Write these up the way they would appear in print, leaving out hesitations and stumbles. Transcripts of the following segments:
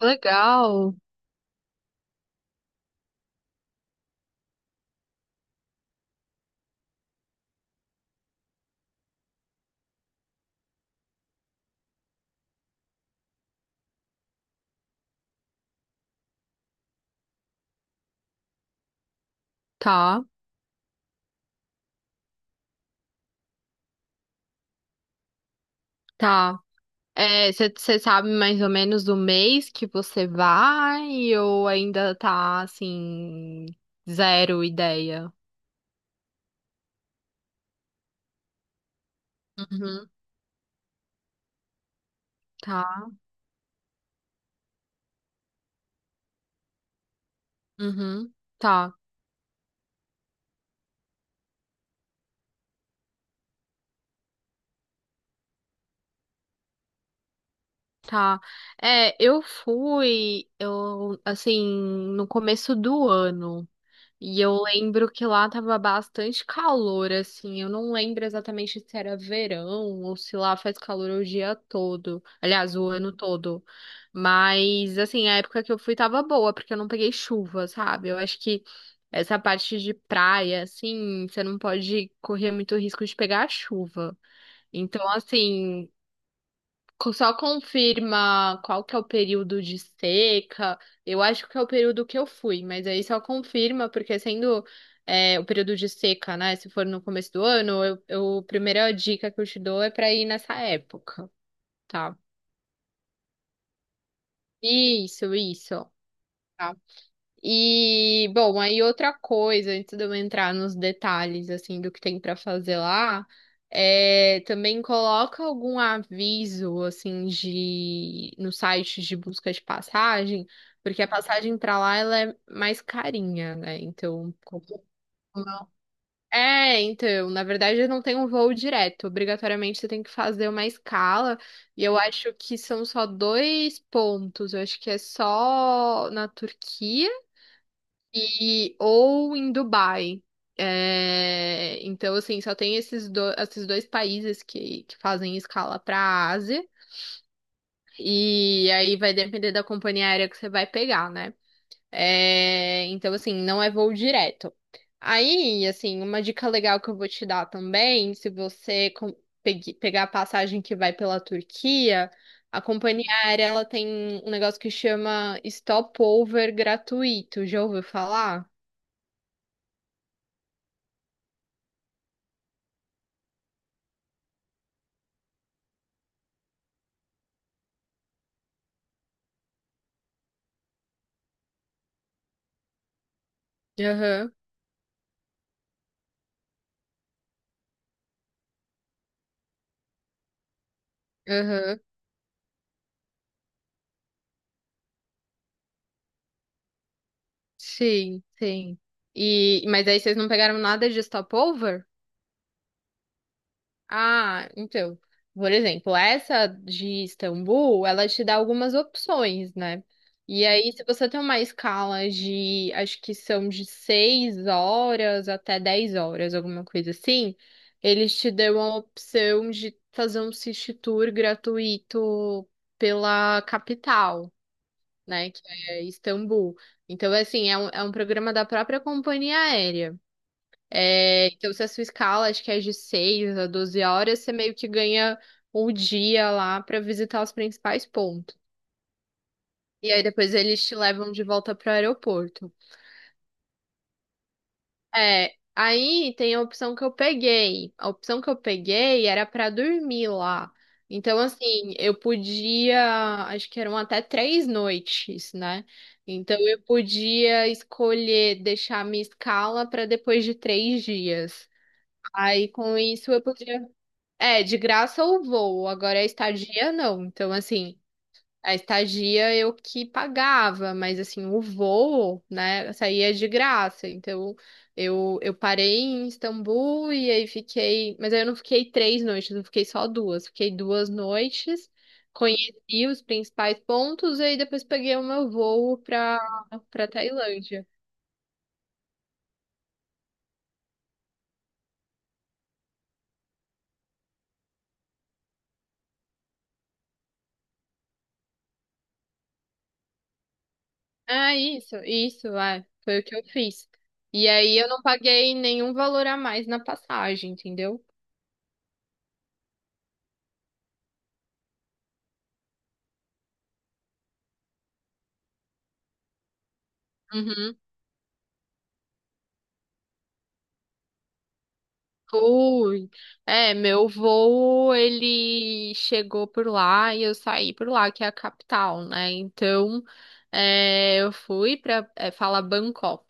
Legal. Tá, tá. É, você sabe mais ou menos o mês que você vai ou ainda tá assim, zero ideia? Uhum, tá, uhum, tá, tá. É, eu fui, assim, no começo do ano. E eu lembro que lá tava bastante calor, assim. Eu não lembro exatamente se era verão ou se lá faz calor o dia todo. Aliás, o ano todo. Mas, assim, a época que eu fui tava boa, porque eu não peguei chuva, sabe? Eu acho que essa parte de praia, assim, você não pode correr muito risco de pegar chuva. Então, assim, só confirma qual que é o período de seca. Eu acho que é o período que eu fui, mas aí só confirma, porque sendo é, o período de seca, né? Se for no começo do ano, a primeira dica que eu te dou é pra ir nessa época, tá? Isso, isso. E, bom, aí outra coisa, antes de eu entrar nos detalhes, assim, do que tem pra fazer lá, é, também coloca algum aviso, assim, de, no site de busca de passagem, porque a passagem pra lá, ela é mais carinha, né? Então, é, então, na verdade eu não tem um voo direto. Obrigatoriamente você tem que fazer uma escala. E eu acho que são só dois pontos. Eu acho que é só na Turquia e, ou em Dubai. É, então, assim, só tem esses, esses dois países que fazem escala para a Ásia. E aí vai depender da companhia aérea que você vai pegar, né? É, então, assim, não é voo direto. Aí, assim, uma dica legal que eu vou te dar também, se você pegar a passagem que vai pela Turquia, a companhia aérea ela tem um negócio que chama stopover gratuito. Já ouviu falar? Aham. Aham. Sim, sim. E, mas aí vocês não pegaram nada de stopover? Ah, então. Por exemplo, essa de Istambul, ela te dá algumas opções, né? E aí, se você tem uma escala de, acho que são de 6 horas até 10 horas, alguma coisa assim, eles te dão a opção de fazer um city tour gratuito pela capital. Né? Que é Istambul. Então, assim, é um programa da própria companhia aérea. É, então, se a sua escala, acho que é de 6 a 12 horas, você meio que ganha o dia lá para visitar os principais pontos. E aí depois eles te levam de volta para o aeroporto. É, aí tem a opção que eu peguei. A opção que eu peguei era pra dormir lá. Então, assim, eu podia, acho que eram até 3 noites, né? Então, eu podia escolher deixar a minha escala pra depois de 3 dias. Aí, com isso, eu podia. É, de graça ou voo, agora a estadia não. Então, assim, a estadia eu que pagava, mas assim, o voo, né, saía de graça. Então, eu parei em Istambul e aí fiquei. Mas aí eu não fiquei 3 noites, eu fiquei só duas. Fiquei 2 noites, conheci os principais pontos e aí depois peguei o meu voo pra, pra Tailândia. Ah, isso, é, foi o que eu fiz. E aí eu não paguei nenhum valor a mais na passagem, entendeu? Uhum. Fui, é, meu voo, ele chegou por lá e eu saí por lá, que é a capital, né? Então, é, eu fui pra, é, falar Bangkok.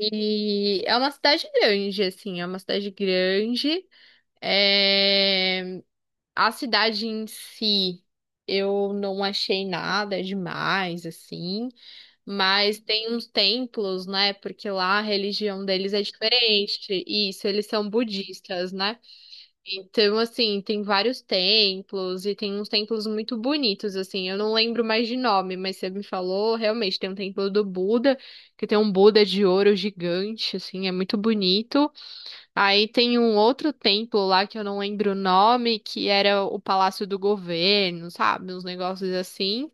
E é uma cidade grande, assim, é uma cidade grande. É, a cidade em si, eu não achei nada demais, assim, mas tem uns templos, né? Porque lá a religião deles é diferente. Isso, eles são budistas, né? Então, assim, tem vários templos e tem uns templos muito bonitos, assim. Eu não lembro mais de nome, mas você me falou, realmente, tem um templo do Buda, que tem um Buda de ouro gigante, assim, é muito bonito. Aí tem um outro templo lá que eu não lembro o nome, que era o Palácio do Governo, sabe? Uns negócios assim.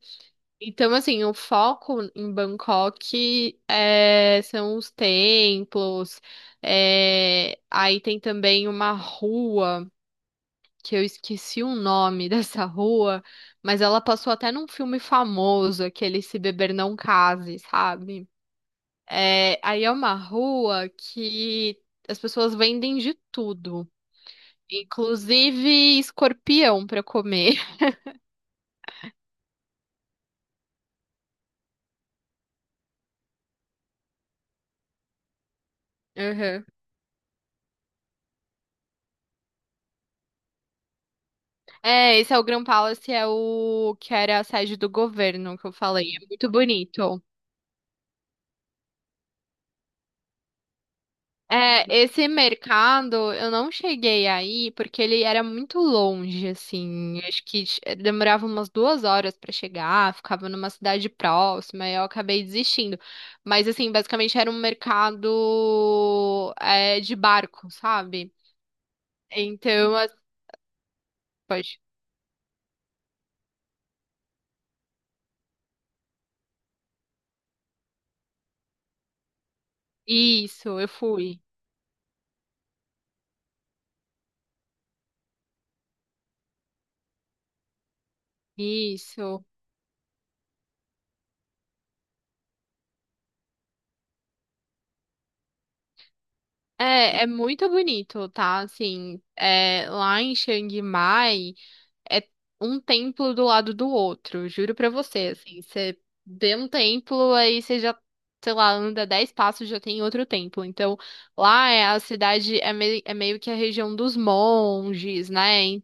Então, assim, o foco em Bangkok é, são os templos. É, aí tem também uma rua que eu esqueci o nome dessa rua, mas ela passou até num filme famoso, aquele Se Beber Não Case, sabe? É, aí é uma rua que as pessoas vendem de tudo, inclusive escorpião pra comer. Uhum. É, esse é o Grand Palace, é o que era a sede do governo que eu falei. É muito bonito. É, esse mercado eu não cheguei aí porque ele era muito longe, assim. Acho que demorava umas 2 horas pra chegar, ficava numa cidade próxima e eu acabei desistindo. Mas, assim, basicamente era um mercado é, de barco, sabe? Então, pode. Isso, eu fui. Isso. É, é muito bonito, tá? Assim, é, lá em Chiang Mai. É um templo do lado do outro, juro pra você, assim, você vê um templo, aí você já, sei lá, anda 10 passos, já tem outro templo. Então, lá é a cidade é, é meio que a região dos monges, né?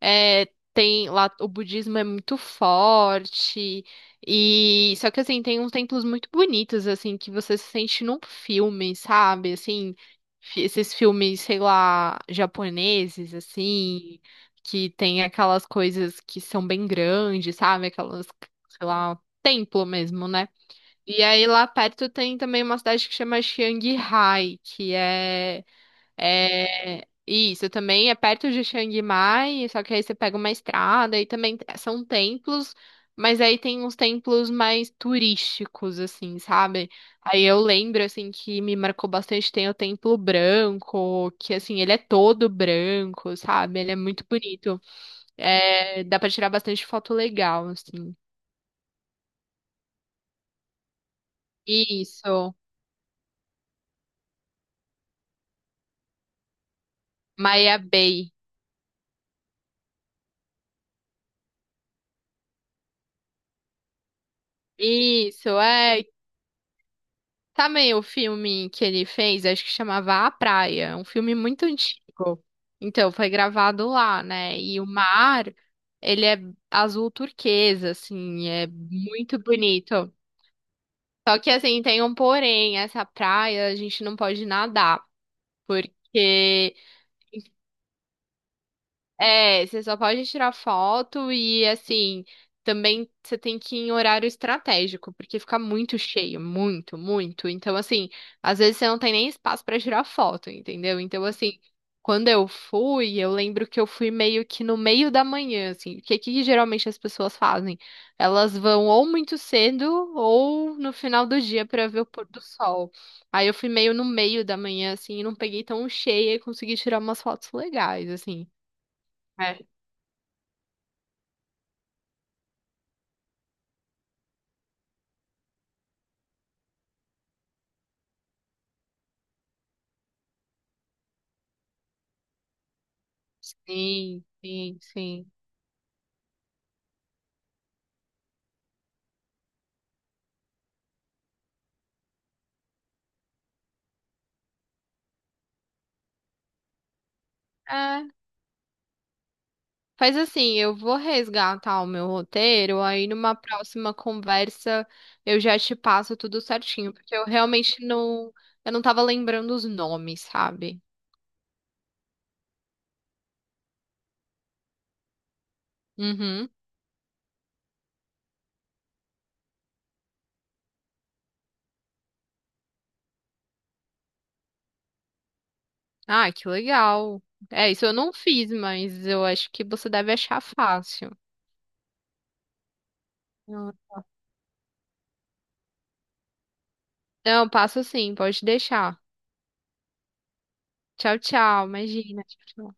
É, tem lá o budismo é muito forte e só que assim tem uns templos muito bonitos assim que você se sente num filme, sabe? Assim, esses filmes, sei lá, japoneses assim, que tem aquelas coisas que são bem grandes, sabe? Aquelas, sei lá, templo mesmo, né? E aí lá perto tem também uma cidade que chama Chiang Rai, que é é, isso também é perto de Chiang Mai, só que aí você pega uma estrada e também são templos, mas aí tem uns templos mais turísticos, assim, sabe? Aí eu lembro, assim, que me marcou bastante, tem o Templo Branco, que, assim, ele é todo branco, sabe? Ele é muito bonito. É, dá pra tirar bastante foto legal, assim. Isso, Maya Bay. Isso, é, também o filme que ele fez, acho que chamava A Praia, é um filme muito antigo. Então, foi gravado lá, né? E o mar, ele é azul turquesa, assim, é muito bonito. Só que, assim, tem um porém, essa praia a gente não pode nadar, porque é, você só pode tirar foto e assim, também você tem que ir em horário estratégico, porque fica muito cheio, muito, muito. Então, assim, às vezes você não tem nem espaço pra tirar foto, entendeu? Então, assim, quando eu fui, eu lembro que eu fui meio que no meio da manhã, assim, porque o que que geralmente as pessoas fazem? Elas vão ou muito cedo ou no final do dia pra ver o pôr do sol. Aí eu fui meio no meio da manhã, assim, e não peguei tão cheia e consegui tirar umas fotos legais, assim. Sim, sim, sim. É, faz assim, eu vou resgatar o meu roteiro, aí numa próxima conversa eu já te passo tudo certinho, porque eu realmente não, eu não tava lembrando os nomes, sabe? Uhum. Ah, que legal. É, isso eu não fiz, mas eu acho que você deve achar fácil. Não, passo sim, pode deixar. Tchau, tchau, imagina. Tchau, tchau.